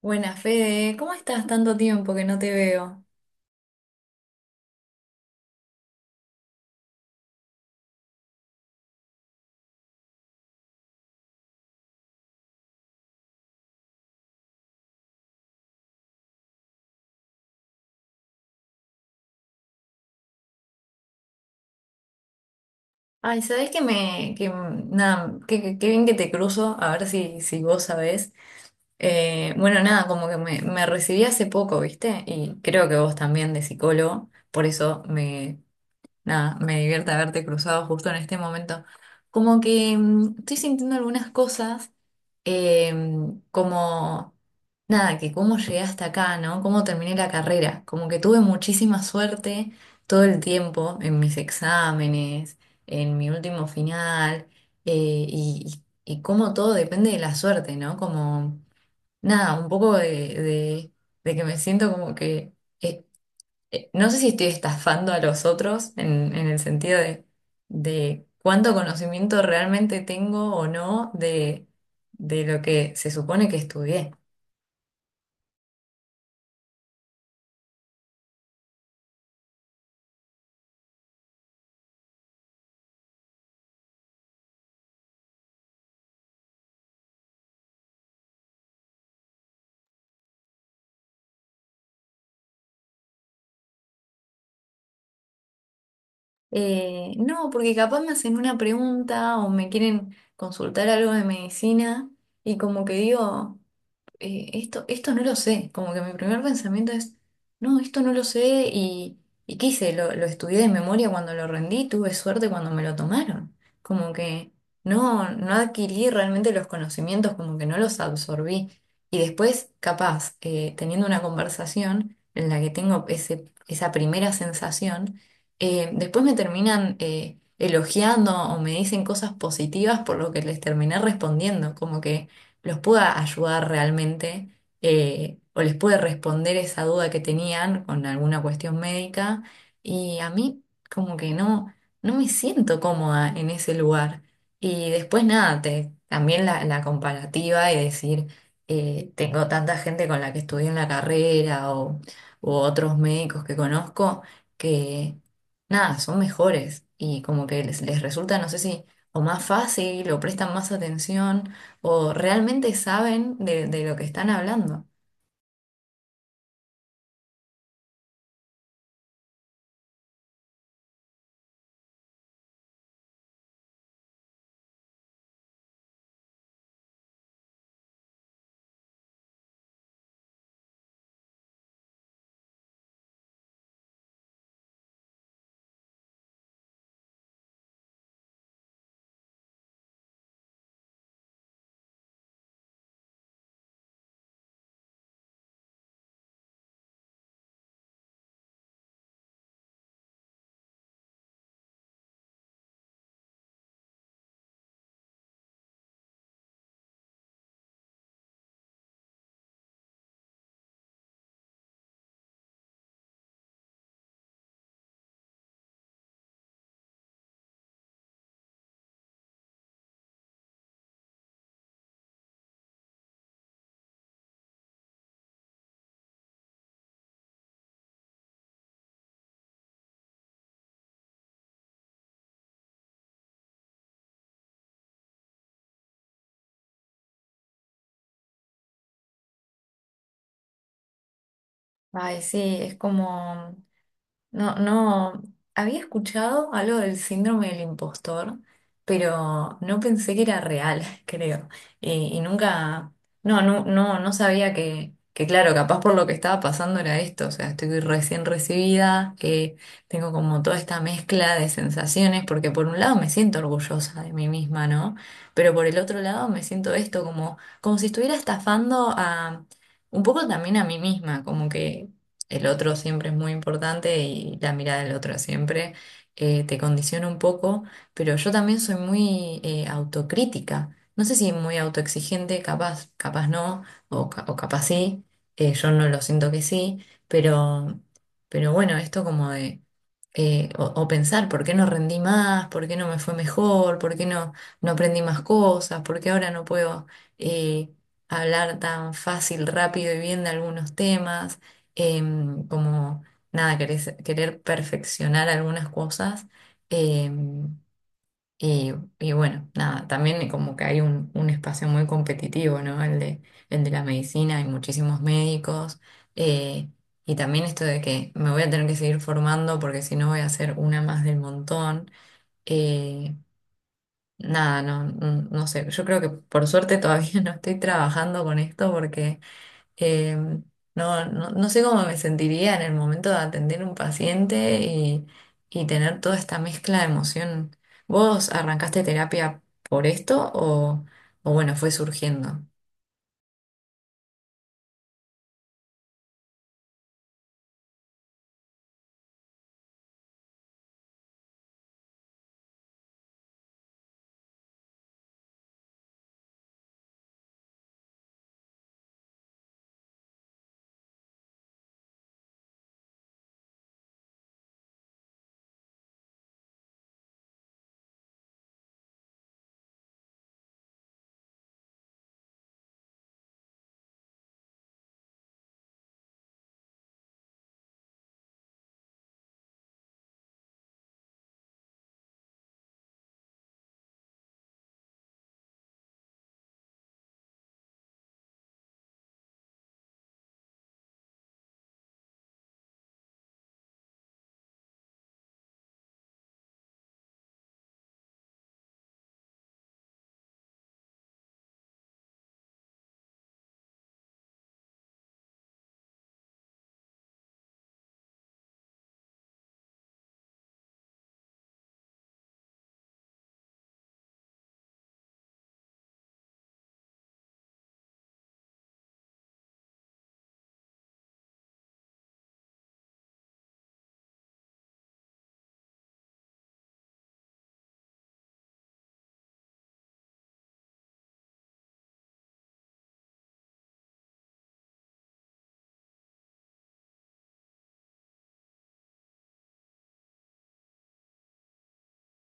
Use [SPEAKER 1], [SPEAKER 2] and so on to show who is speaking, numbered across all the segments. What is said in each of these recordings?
[SPEAKER 1] Buenas, Fede, ¿cómo estás? Tanto tiempo que no te veo. Ay, ¿sabés que me, que, nada, qué bien que te cruzo, a ver si, si vos sabés? Bueno, nada, como que me recibí hace poco, ¿viste? Y creo que vos también de psicólogo, por eso me, nada, me divierte haberte cruzado justo en este momento. Como que estoy sintiendo algunas cosas como, nada, que cómo llegué hasta acá, ¿no? Cómo terminé la carrera. Como que tuve muchísima suerte todo el tiempo en mis exámenes, en mi último final, eh, y, y cómo todo depende de la suerte, ¿no? Como, nada, un poco de que me siento como que... eh, no sé si estoy estafando a los otros en el sentido de cuánto conocimiento realmente tengo o no de, de lo que se supone que estudié. No, porque capaz me hacen una pregunta o me quieren consultar algo de medicina y como que digo... esto, esto no lo sé. Como que mi primer pensamiento es, no, esto no lo sé y ¿qué hice? Lo estudié de memoria cuando lo rendí, tuve suerte cuando me lo tomaron. Como que no, no adquirí realmente los conocimientos, como que no los absorbí. Y después, capaz, teniendo una conversación en la que tengo ese, esa primera sensación, después me terminan elogiando o me dicen cosas positivas por lo que les terminé respondiendo. Como que los pueda ayudar realmente o les puede responder esa duda que tenían con alguna cuestión médica. Y a mí como que no, no me siento cómoda en ese lugar. Y después nada, también la comparativa y decir, tengo tanta gente con la que estudié en la carrera o u otros médicos que conozco que nada, son mejores y como que les resulta, no sé si, o más fácil o prestan más atención o realmente saben de lo que están hablando. Ay, sí, es como, no, no, había escuchado algo del síndrome del impostor, pero no pensé que era real, creo. Y nunca, no, no, no, no sabía que, claro, capaz por lo que estaba pasando era esto. O sea, estoy recién recibida, tengo como toda esta mezcla de sensaciones, porque por un lado me siento orgullosa de mí misma, ¿no? Pero por el otro lado me siento esto como, como si estuviera estafando a... Un poco también a mí misma, como que el otro siempre es muy importante y la mirada del otro siempre te condiciona un poco, pero yo también soy muy autocrítica. No sé si muy autoexigente, capaz, capaz no, o, o capaz sí, yo no lo siento que sí, pero bueno, esto como de, o pensar, ¿por qué no rendí más? ¿Por qué no me fue mejor? ¿Por qué no, no aprendí más cosas? ¿Por qué ahora no puedo... eh, hablar tan fácil, rápido y bien de algunos temas como nada, querer, querer perfeccionar algunas cosas. em, y, y bueno, nada, también como que hay un espacio muy competitivo, ¿no? El de la medicina, hay muchísimos médicos. eh, y también esto de que me voy a tener que seguir formando porque si no voy a ser una más del montón. eh, Nada, no, no no sé. Yo creo que por suerte todavía no estoy trabajando con esto porque eh, no, no, no sé cómo me sentiría en el momento de atender un paciente y tener toda esta mezcla de emoción. ¿Vos arrancaste terapia por esto o bueno, fue surgiendo?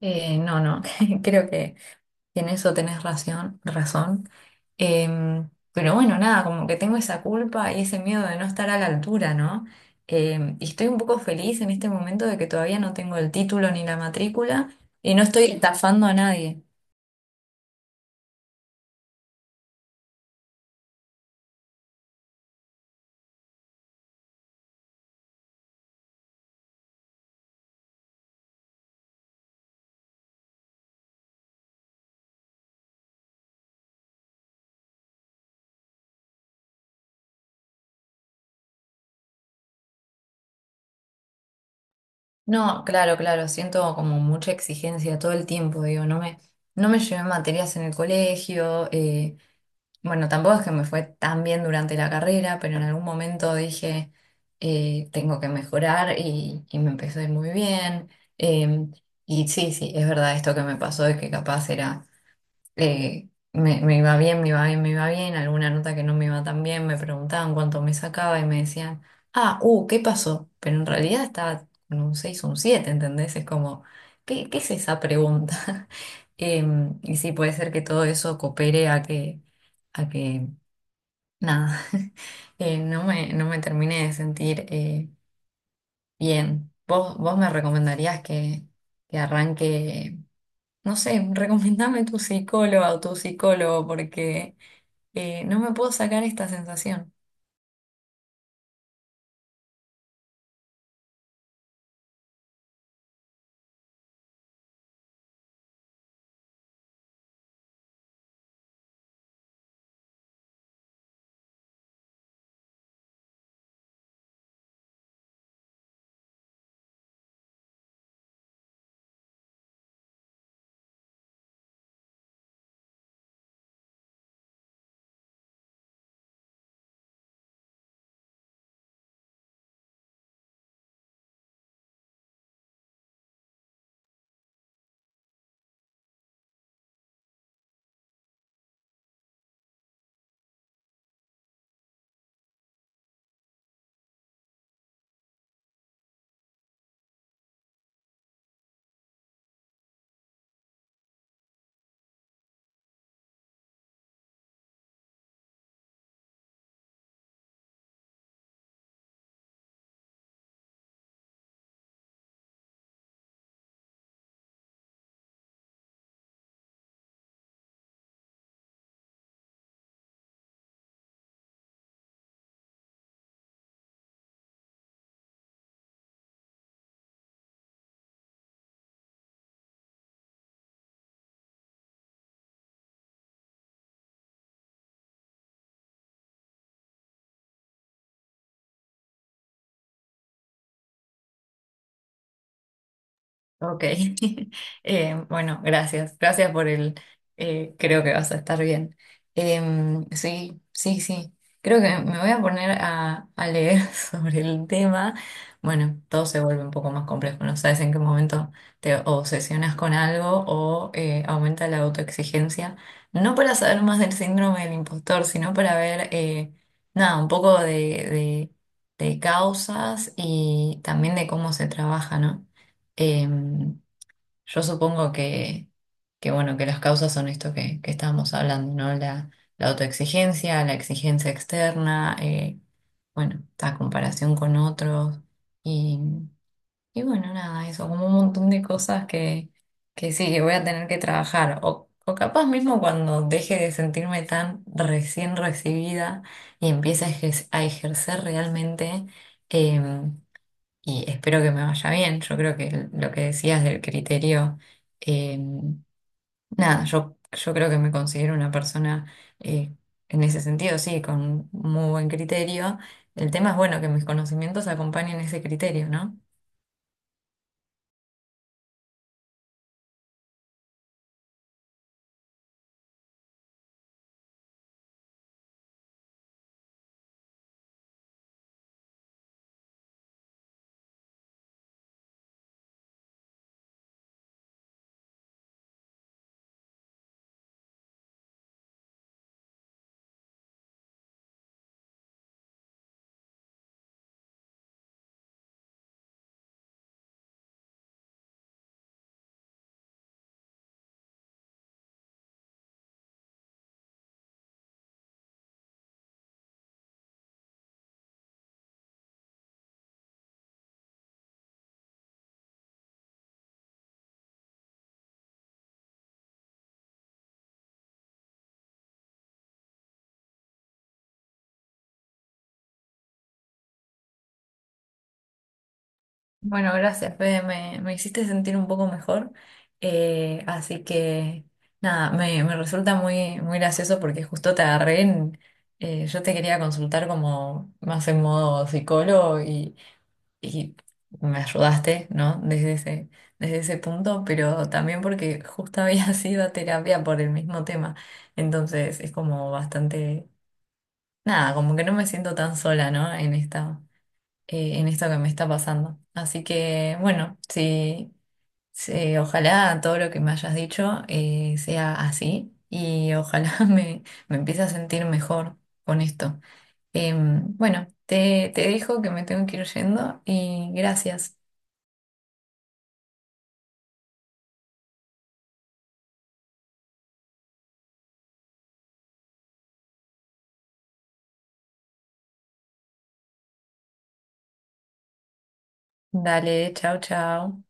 [SPEAKER 1] No, no, creo que en eso tenés razón. Pero bueno, nada, como que tengo esa culpa y ese miedo de no estar a la altura, ¿no? Y estoy un poco feliz en este momento de que todavía no tengo el título ni la matrícula y no estoy estafando a nadie. No, claro, claro, siento como mucha exigencia todo el tiempo, digo, no me, no me llevé materias en el colegio, bueno, tampoco es que me fue tan bien durante la carrera, pero en algún momento dije, tengo que mejorar y me empezó a ir muy bien. eh, y sí, sí, es verdad esto que me pasó de que capaz era me, me iba bien, me iba bien, me iba bien, alguna nota que no me iba tan bien, me preguntaban cuánto me sacaba y me decían, ah, ¿qué pasó? Pero en realidad estaba con un 6 o un siete, ¿entendés? Es como, ¿qué, qué es esa pregunta? Y sí, puede ser que todo eso coopere a que nada, no me, no me termine de sentir bien. ¿Vos, vos me recomendarías que arranque? No sé, recomendame tu psicóloga o tu psicólogo porque no me puedo sacar esta sensación. Ok, bueno, gracias, gracias por el, creo que vas a estar bien. Sí, sí, sí, creo que me voy a poner a leer sobre el tema. Bueno, todo se vuelve un poco más complejo, no sabes en qué momento te obsesionas con algo o aumenta la autoexigencia, no para saber más del síndrome del impostor, sino para ver, nada, un poco de causas y también de cómo se trabaja, ¿no? Eh, yo supongo que, bueno, que las causas son esto que estábamos hablando, ¿no? La autoexigencia, la exigencia externa, bueno, la comparación con otros y, y bueno, nada, eso, como un montón de cosas que sí, que voy a tener que trabajar. O capaz mismo cuando deje de sentirme tan recién recibida y empiece a a ejercer realmente. em, y espero que me vaya bien. Yo creo que lo que decías del criterio, eh, nada, yo creo que me considero una persona eh, en ese sentido, sí, con muy buen criterio. El tema es, bueno, que mis conocimientos acompañen ese criterio, ¿no? Bueno, gracias, Fede, me hiciste sentir un poco mejor. Así que, nada, me resulta muy, muy gracioso porque justo te agarré en... yo te quería consultar como más en modo psicólogo y me ayudaste, ¿no? Desde ese punto, pero también porque justo había sido a terapia por el mismo tema. Entonces es como bastante, nada, como que no me siento tan sola, ¿no? En esta, en esto que me está pasando. Así que, bueno, sí, sí, ojalá todo lo que me hayas dicho sea así y ojalá me empiece a sentir mejor con esto. Bueno, te dejo que me tengo que ir yendo y gracias. Dale, chao, chao.